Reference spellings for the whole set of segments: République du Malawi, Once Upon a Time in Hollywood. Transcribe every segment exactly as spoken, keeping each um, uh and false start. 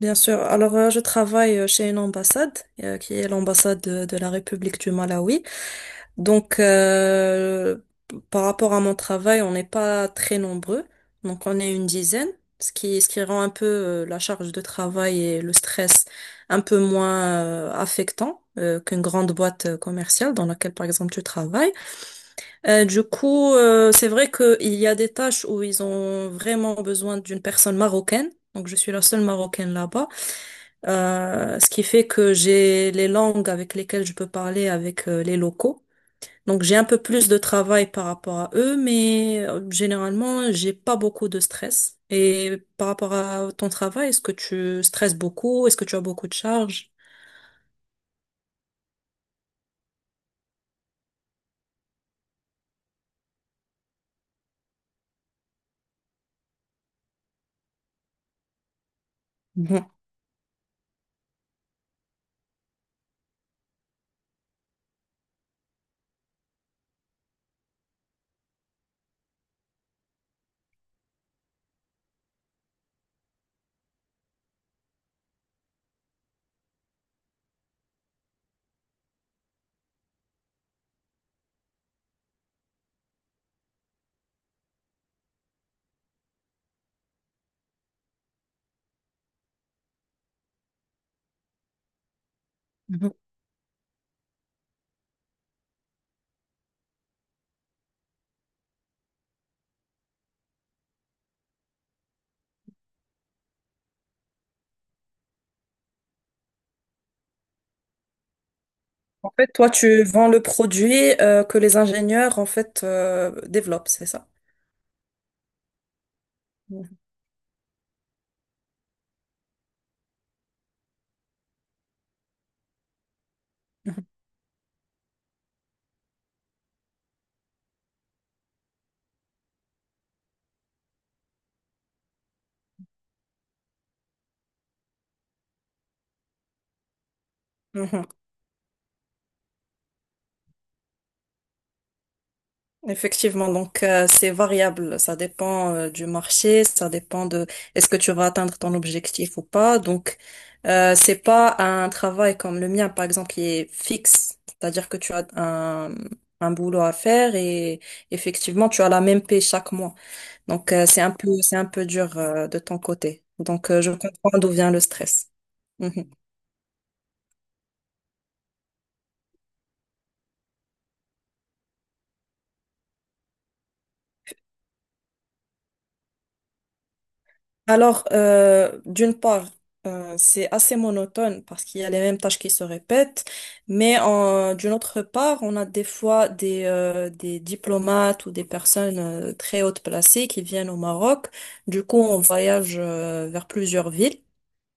Bien sûr. Alors, euh, je travaille euh, chez une ambassade, euh, qui est l'ambassade de, de la République du Malawi. Donc, euh, p- Par rapport à mon travail, on n'est pas très nombreux. Donc, on est une dizaine, ce qui, ce qui rend un peu euh, la charge de travail et le stress un peu moins euh, affectant euh, qu'une grande boîte euh, commerciale dans laquelle, par exemple, tu travailles. Euh, du coup, euh, c'est vrai qu'il y a des tâches où ils ont vraiment besoin d'une personne marocaine. Donc, je suis la seule marocaine là-bas. Euh, ce qui fait que j'ai les langues avec lesquelles je peux parler avec euh, les locaux. Donc, j'ai un peu plus de travail par rapport à eux, mais euh, généralement, j'ai pas beaucoup de stress. Et par rapport à ton travail, est-ce que tu stresses beaucoup? Est-ce que tu as beaucoup de charges? Mhm. En fait, toi, tu vends le produit euh, que les ingénieurs, en fait, euh, développent, c'est ça? Mhm. Mhm. Effectivement, donc euh, c'est variable, ça dépend euh, du marché, ça dépend de est-ce que tu vas atteindre ton objectif ou pas. Donc euh, c'est pas un travail comme le mien par exemple qui est fixe, c'est-à-dire que tu as un, un boulot à faire et effectivement tu as la même paie chaque mois. Donc euh, c'est un peu c'est un peu dur euh, de ton côté. Donc euh, je comprends d'où vient le stress. Mhm. Alors, euh, d'une part, euh, c'est assez monotone parce qu'il y a les mêmes tâches qui se répètent, mais en- d'une autre part, on a des fois des, euh, des diplomates ou des personnes euh, très hautes placées qui viennent au Maroc. Du coup, on voyage euh, vers plusieurs villes.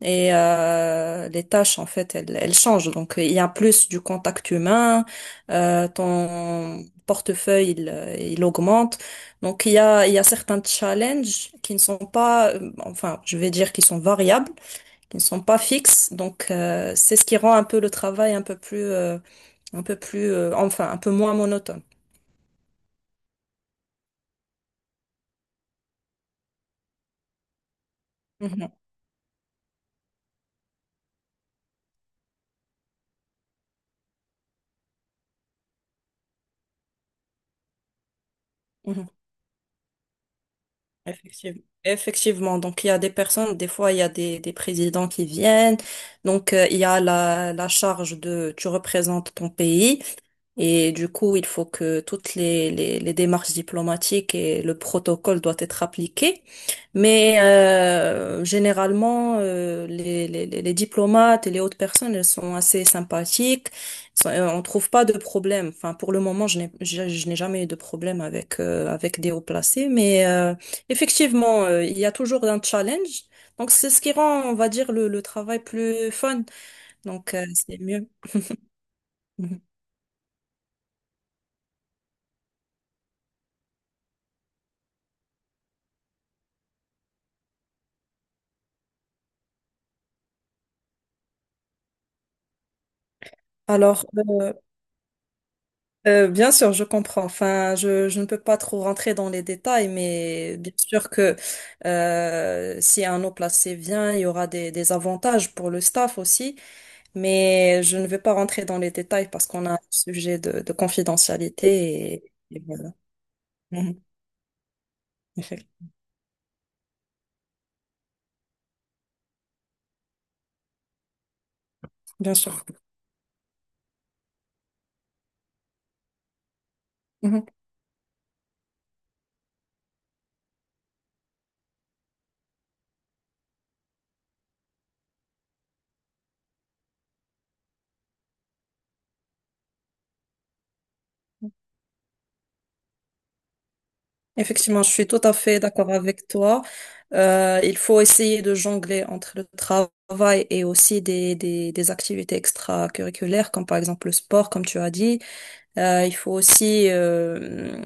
Et euh, les tâches, en fait, elles, elles changent. Donc, il y a plus du contact humain, euh, ton portefeuille, il, euh, il augmente. Donc, il y a, il y a certains challenges qui ne sont pas, euh, enfin, je vais dire qui sont variables, qui ne sont pas fixes. Donc, euh, c'est ce qui rend un peu le travail un peu plus, euh, un peu plus, euh, enfin, un peu moins monotone. Mhm, mhm. Effectivement. Effectivement. Donc, il y a des personnes, des fois, il y a des, des présidents qui viennent. Donc, euh, il y a la, la charge de tu représentes ton pays. Et du coup, il faut que toutes les, les, les démarches diplomatiques et le protocole doivent être appliqués. Mais euh, généralement, euh, les, les, les les diplomates et les autres personnes, elles sont assez sympathiques. Sont- euh, On trouve pas de problème. Enfin, pour le moment, je n'ai je, je n'ai jamais eu de problème avec euh, avec des hauts placés. Mais euh, effectivement, euh, il y a toujours un challenge. Donc, c'est ce qui rend, on va dire, le, le travail plus fun. Donc, euh, c'est mieux. Mhm. Alors, euh, Euh, bien sûr, je comprends. Enfin, je, je ne peux pas trop rentrer dans les détails, mais bien sûr que euh, si un eau placé vient, il y aura des, des avantages pour le staff aussi, mais je ne vais pas rentrer dans les détails parce qu'on a un sujet de, de confidentialité et, et voilà. Mhm. Effect- Bien sûr. Mhm. Effectivement, je suis tout à fait d'accord avec toi. Euh, il faut essayer de jongler entre le travail et aussi des, des, des activités extracurriculaires, comme par exemple le sport, comme tu as dit. Euh, il faut aussi, euh,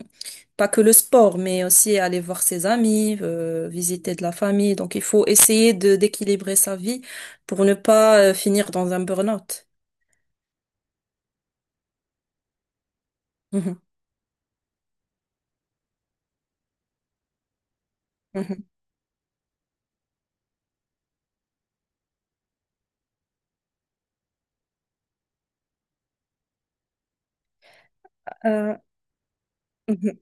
pas que le sport, mais aussi aller voir ses amis, euh, visiter de la famille. Donc, il faut essayer de d'équilibrer sa vie pour ne pas euh, finir dans un burn-out. Mhm, mhm. Euh, Mhm,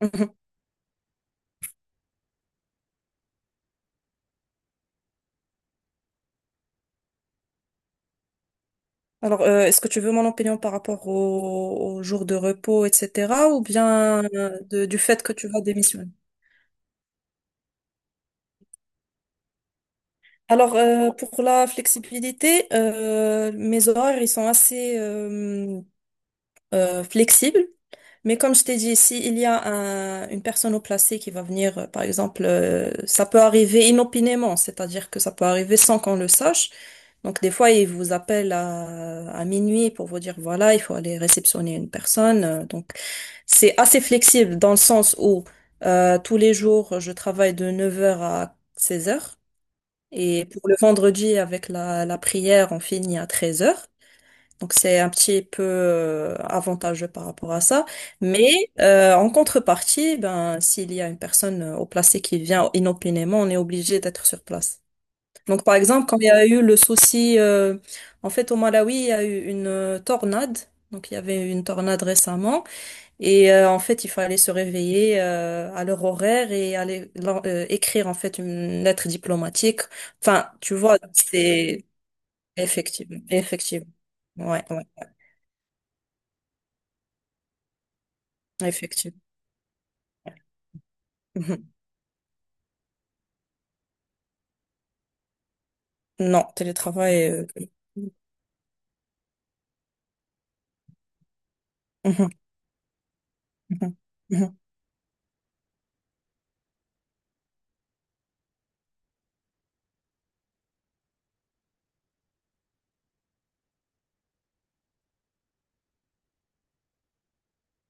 mhm. Alors, euh, est-ce que tu veux mon opinion par rapport au, au jour de repos, et cetera, ou bien euh, de- du fait que tu vas démissionner? Alors, euh, pour la flexibilité, euh, mes horaires, ils sont assez euh, euh, flexibles. Mais comme je t'ai dit, si il y a un- une personne au placé qui va venir, euh, par exemple, euh, ça peut arriver inopinément, c'est-à-dire que ça peut arriver sans qu'on le sache. Donc, des fois, ils vous appellent à, à minuit pour vous dire, voilà, il faut aller réceptionner une personne. Euh, Donc, C'est assez flexible dans le sens où euh, tous les jours, je travaille de neuf heures à seize heures. Et pour le vendredi, avec la, la prière, on finit à treize heures. Donc c'est un petit peu euh, avantageux par rapport à ça. Mais euh, en contrepartie, ben, s'il y a une personne euh, au placé qui vient inopinément, on est obligé d'être sur place. Donc par exemple, quand il y a eu le souci, euh, en fait au Malawi, il y a eu une euh, tornade. Donc il y avait une tornade récemment. Et euh, en fait, il fallait se réveiller euh, à leur horaire et aller lan- euh, écrire en fait une lettre diplomatique. Enfin, tu vois, c'est effectivement, effectivement, ouais, ouais, effectivement. Mhm. Non, télétravail. euh, mhm, mhm, mhm,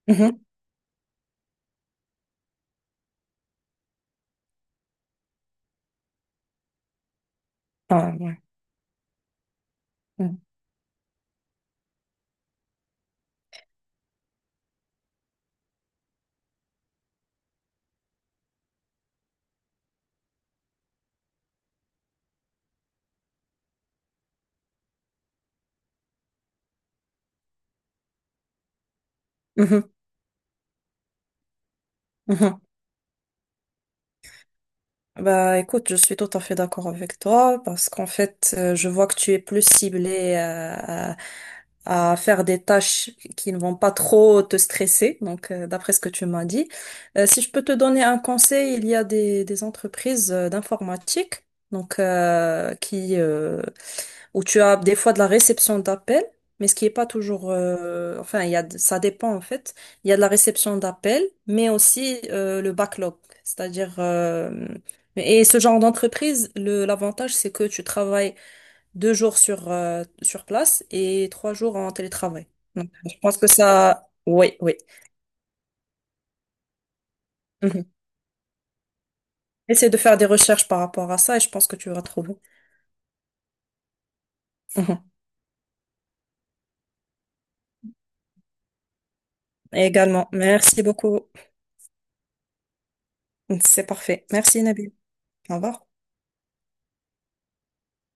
mhm. Ah, ouais. Mhm, mhm, mhm. Bah écoute, je suis tout à fait d'accord avec toi parce qu'en fait, euh, je vois que tu es plus ciblée euh, à, à faire des tâches qui ne vont pas trop te stresser, donc euh, d'après ce que tu m'as dit. Euh, si je peux te donner un conseil, il y a des, des entreprises euh, d'informatique donc euh, qui, euh, où tu as des fois de la réception d'appels, mais ce qui est pas toujours, euh, enfin, il y a, de- ça dépend en fait. Il y a de la réception d'appels, mais aussi euh, le backlog, c'est-à-dire euh, et ce genre d'entreprise, le l'avantage c'est que tu travailles deux jours sur euh, sur place et trois jours en télétravail. Donc, je pense que ça, oui, oui. Mhm. Essaie de faire des recherches par rapport à ça et je pense que tu vas trouver. Mhm. Également, merci beaucoup. C'est parfait. Merci Nabil. Au revoir.